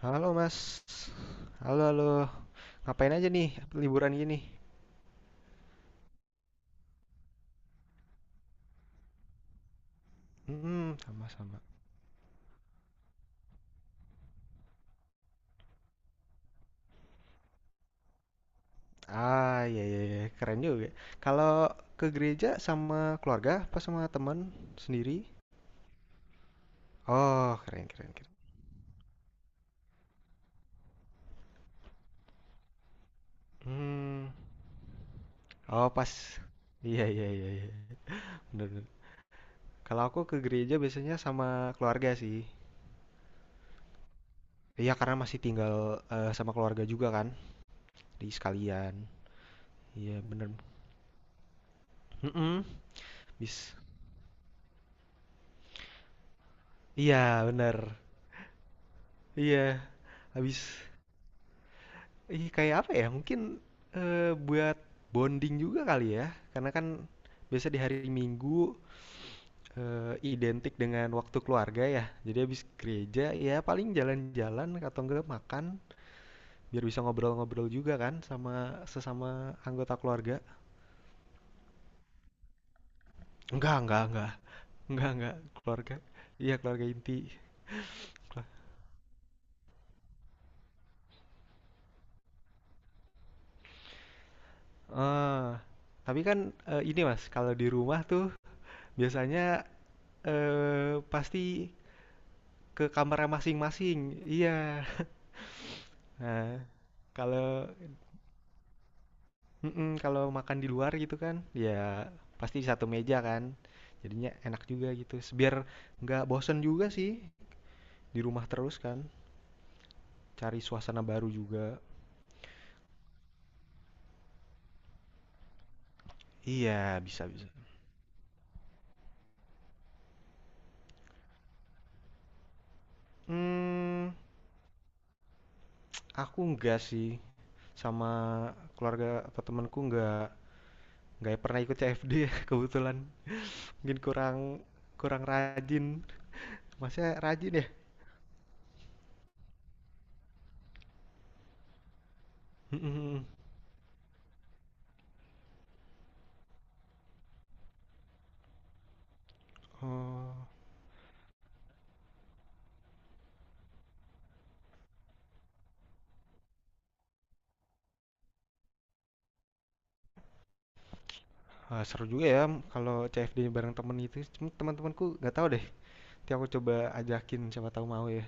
Halo Mas, halo halo, ngapain aja nih liburan gini? Hmm, sama-sama. Ah, iya iya iya, keren juga. Kalau ke gereja sama keluarga, apa sama teman sendiri? Oh, keren keren keren. Hmm, oh pas, iya iya iya iya, bener bener. Kalau aku ke gereja biasanya sama keluarga sih. Iya karena masih tinggal sama keluarga juga kan, di sekalian. Iya bener. Mm-mm. Bis. Iya bener. Iya, habis ih kayak apa ya? Mungkin buat bonding juga kali ya, karena kan biasa di hari Minggu identik dengan waktu keluarga ya. Jadi habis gereja ya paling jalan-jalan atau enggak makan biar bisa ngobrol-ngobrol juga kan sama sesama anggota keluarga. Enggak, enggak. Enggak, enggak. Keluarga. Iya, keluarga inti. Kela- Ah, tapi kan ini Mas, kalau di rumah tuh biasanya pasti ke kamarnya masing-masing, iya. Nah, kalau mhm, kalau makan di luar gitu kan, ya pasti satu meja kan, jadinya enak juga gitu, biar nggak bosen juga sih di rumah terus kan, cari suasana baru juga. Iya, bisa bisa. Hmm, aku enggak sih, sama keluarga atau temanku enggak pernah ikut CFD ya kebetulan, mungkin kurang kurang rajin. Masnya rajin ya? Mhm mhm. Oh. Seru juga ya kalau CFD bareng temen itu, cuma teman-temanku nggak tahu deh, nanti aku coba ajakin siapa tahu mau ya.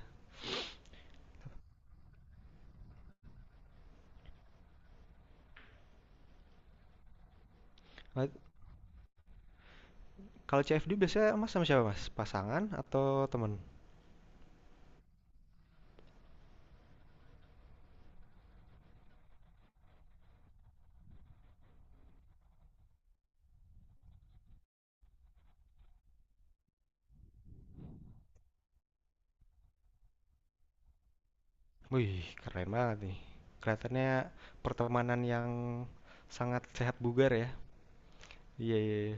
Eee, kalau CFD biasanya Mas sama siapa Mas? Pasangan atau temen? Wih, keren banget nih. Kelihatannya pertemanan yang sangat sehat bugar ya. Iya iya iya.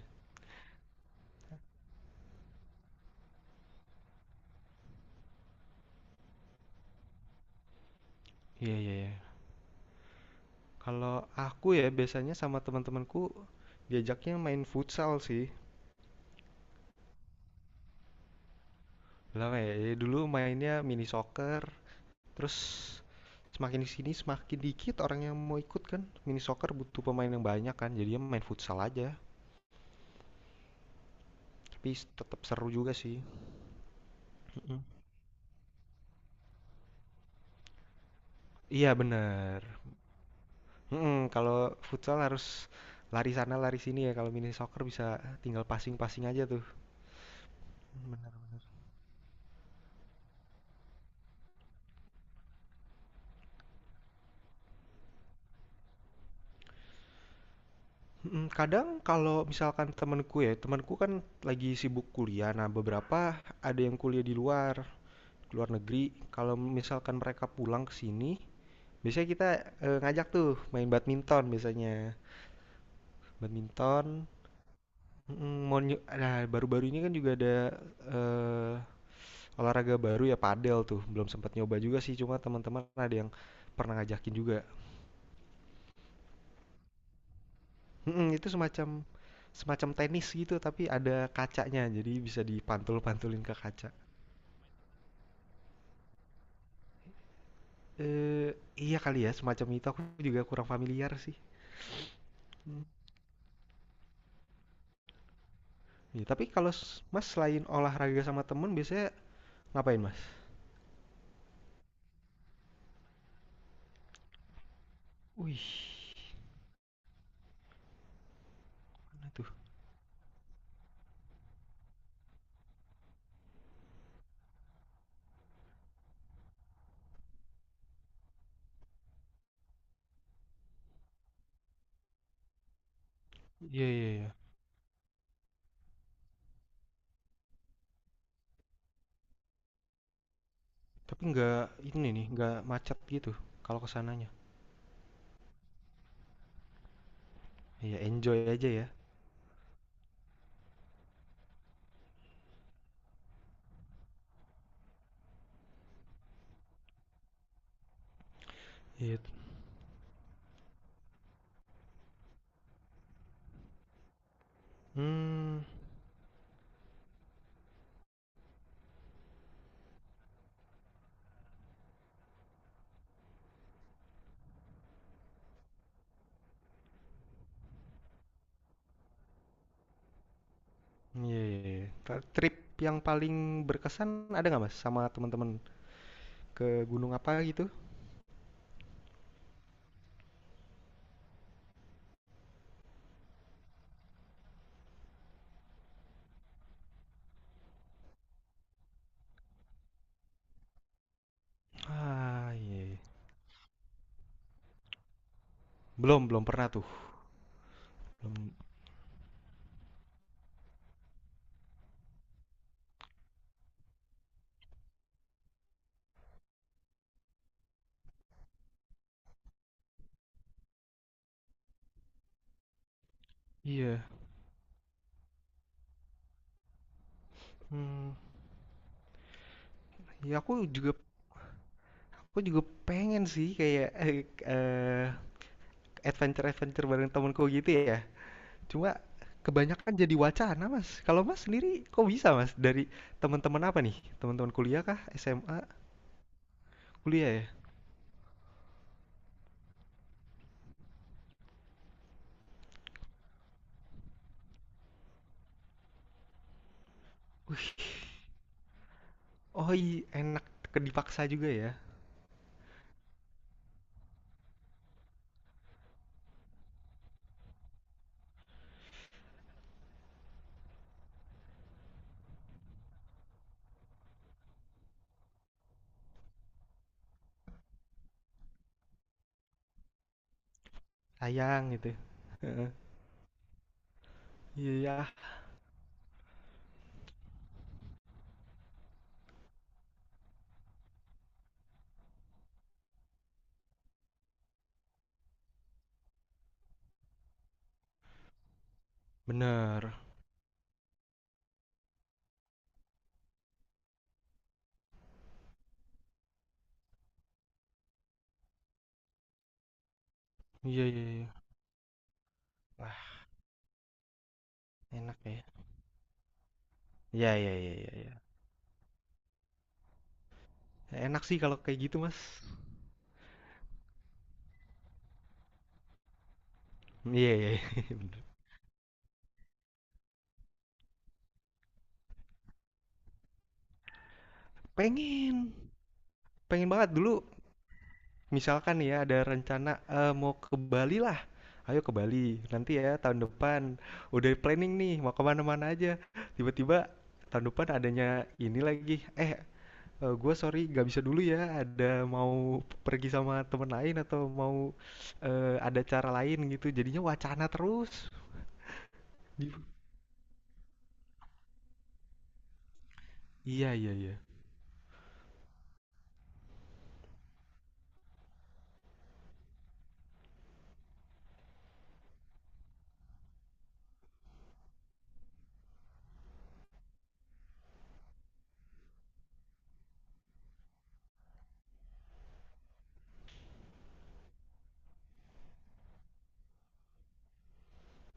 Iya iya iya. Kalau aku ya biasanya sama teman-temanku diajaknya main futsal sih. Lama ya, ya dulu mainnya mini soccer, terus semakin di sini semakin dikit orang yang mau ikut kan. Mini soccer butuh pemain yang banyak kan. Jadinya main futsal aja. Tapi tetap seru juga sih. Mm-mm. Iya bener. Mm-mm, kalau futsal harus lari sana lari sini ya. Kalau mini soccer bisa tinggal passing-passing aja tuh. Kadang kalau misalkan temenku ya, temenku kan lagi sibuk kuliah. Nah beberapa ada yang kuliah di luar, luar negeri. Kalau misalkan mereka pulang ke sini, biasanya kita ngajak tuh main badminton biasanya. Badminton. Nah, baru-baru ini kan juga ada eh, olahraga baru ya padel tuh. Belum sempat nyoba juga sih, cuma teman-teman ada yang pernah ngajakin juga. Itu semacam semacam tenis gitu tapi ada kacanya. Jadi bisa dipantul-pantulin ke kaca. Eh, iya kali ya, semacam itu aku juga kurang familiar sih. Hmm. Ya, tapi kalau Mas selain olahraga sama temen biasanya ngapain Mas? Wih. Mana tuh? Iya iya iya. Tapi nggak ini nih, nggak macet gitu kalau kesananya sananya. Iya, enjoy aja ya. Iya. Hmm, iya iya iya. Trip yang paling berkesan ada nggak Mas sama teman-teman ke gunung apa gitu? Ah, iya. Iya. Belum, belum pernah tuh. Belum. Iya. Hmm, ya aku juga aku juga pengen sih kayak eh, adventure-adventure bareng temanku gitu ya. Cuma kebanyakan jadi wacana, Mas. Kalau Mas sendiri kok bisa, Mas? Dari teman-teman apa nih? Teman-teman kuliah kah? SMA? Kuliah ya? Wih, oh iya, enak dipaksa juga ya. Sayang gitu. Heeh. Iya, iya. Bener. Iya, iya, iya. Wah, enak ya. Iya, iya, iya, iya, iya. Enak sih kalau kayak gitu, Mas. Iya, iya, iya. Bener. Pengen. Pengen banget dulu. Misalkan nih ya ada rencana, mau ke Bali lah, ayo ke Bali nanti ya tahun depan, udah planning nih mau ke mana-mana aja, tiba-tiba tahun depan adanya ini lagi, "Eh, gue sorry gak bisa dulu ya ada mau pergi sama temen lain atau mau, ada cara lain," gitu jadinya wacana terus. Dibu iya iya iya,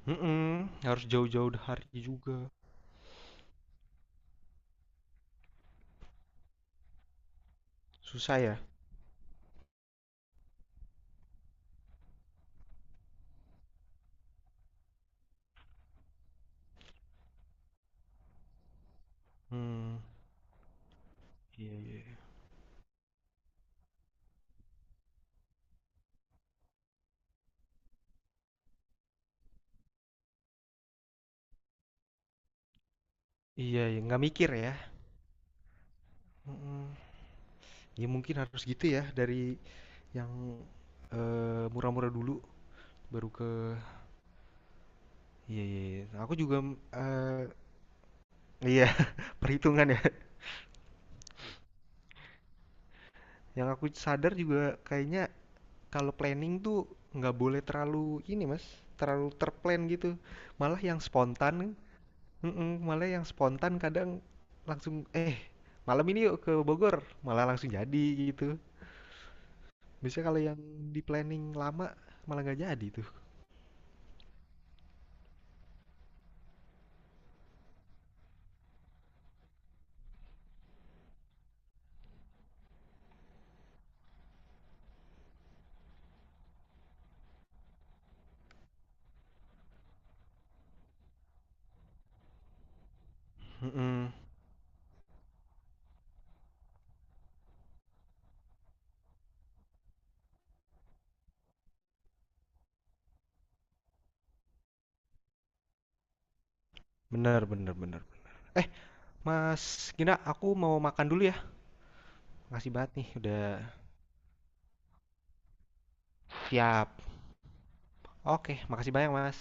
mhm, harus jauh-jauh hari juga, susah ya? Mmm, iya iya iya iya iya, nggak mikir ya? Mhm. Ya mungkin harus gitu ya dari yang, murah-murah dulu baru ke. Iya iya iya. Nah, aku juga, eee, iya perhitungan ya. Yang aku sadar juga kayaknya kalau planning tuh nggak boleh terlalu ini Mas, terlalu terplan gitu. Malah yang spontan. Mhm, Malah yang spontan kadang langsung, "Eh, malam ini yuk ke Bogor," malah langsung jadi gitu. Biasanya kalau yang di-planning lama malah nggak jadi tuh. Mhm, bener bener bener. Eh, Mas Gina, aku mau makan dulu ya. Makasih banget nih udah. Siap. Oke, makasih banyak, Mas.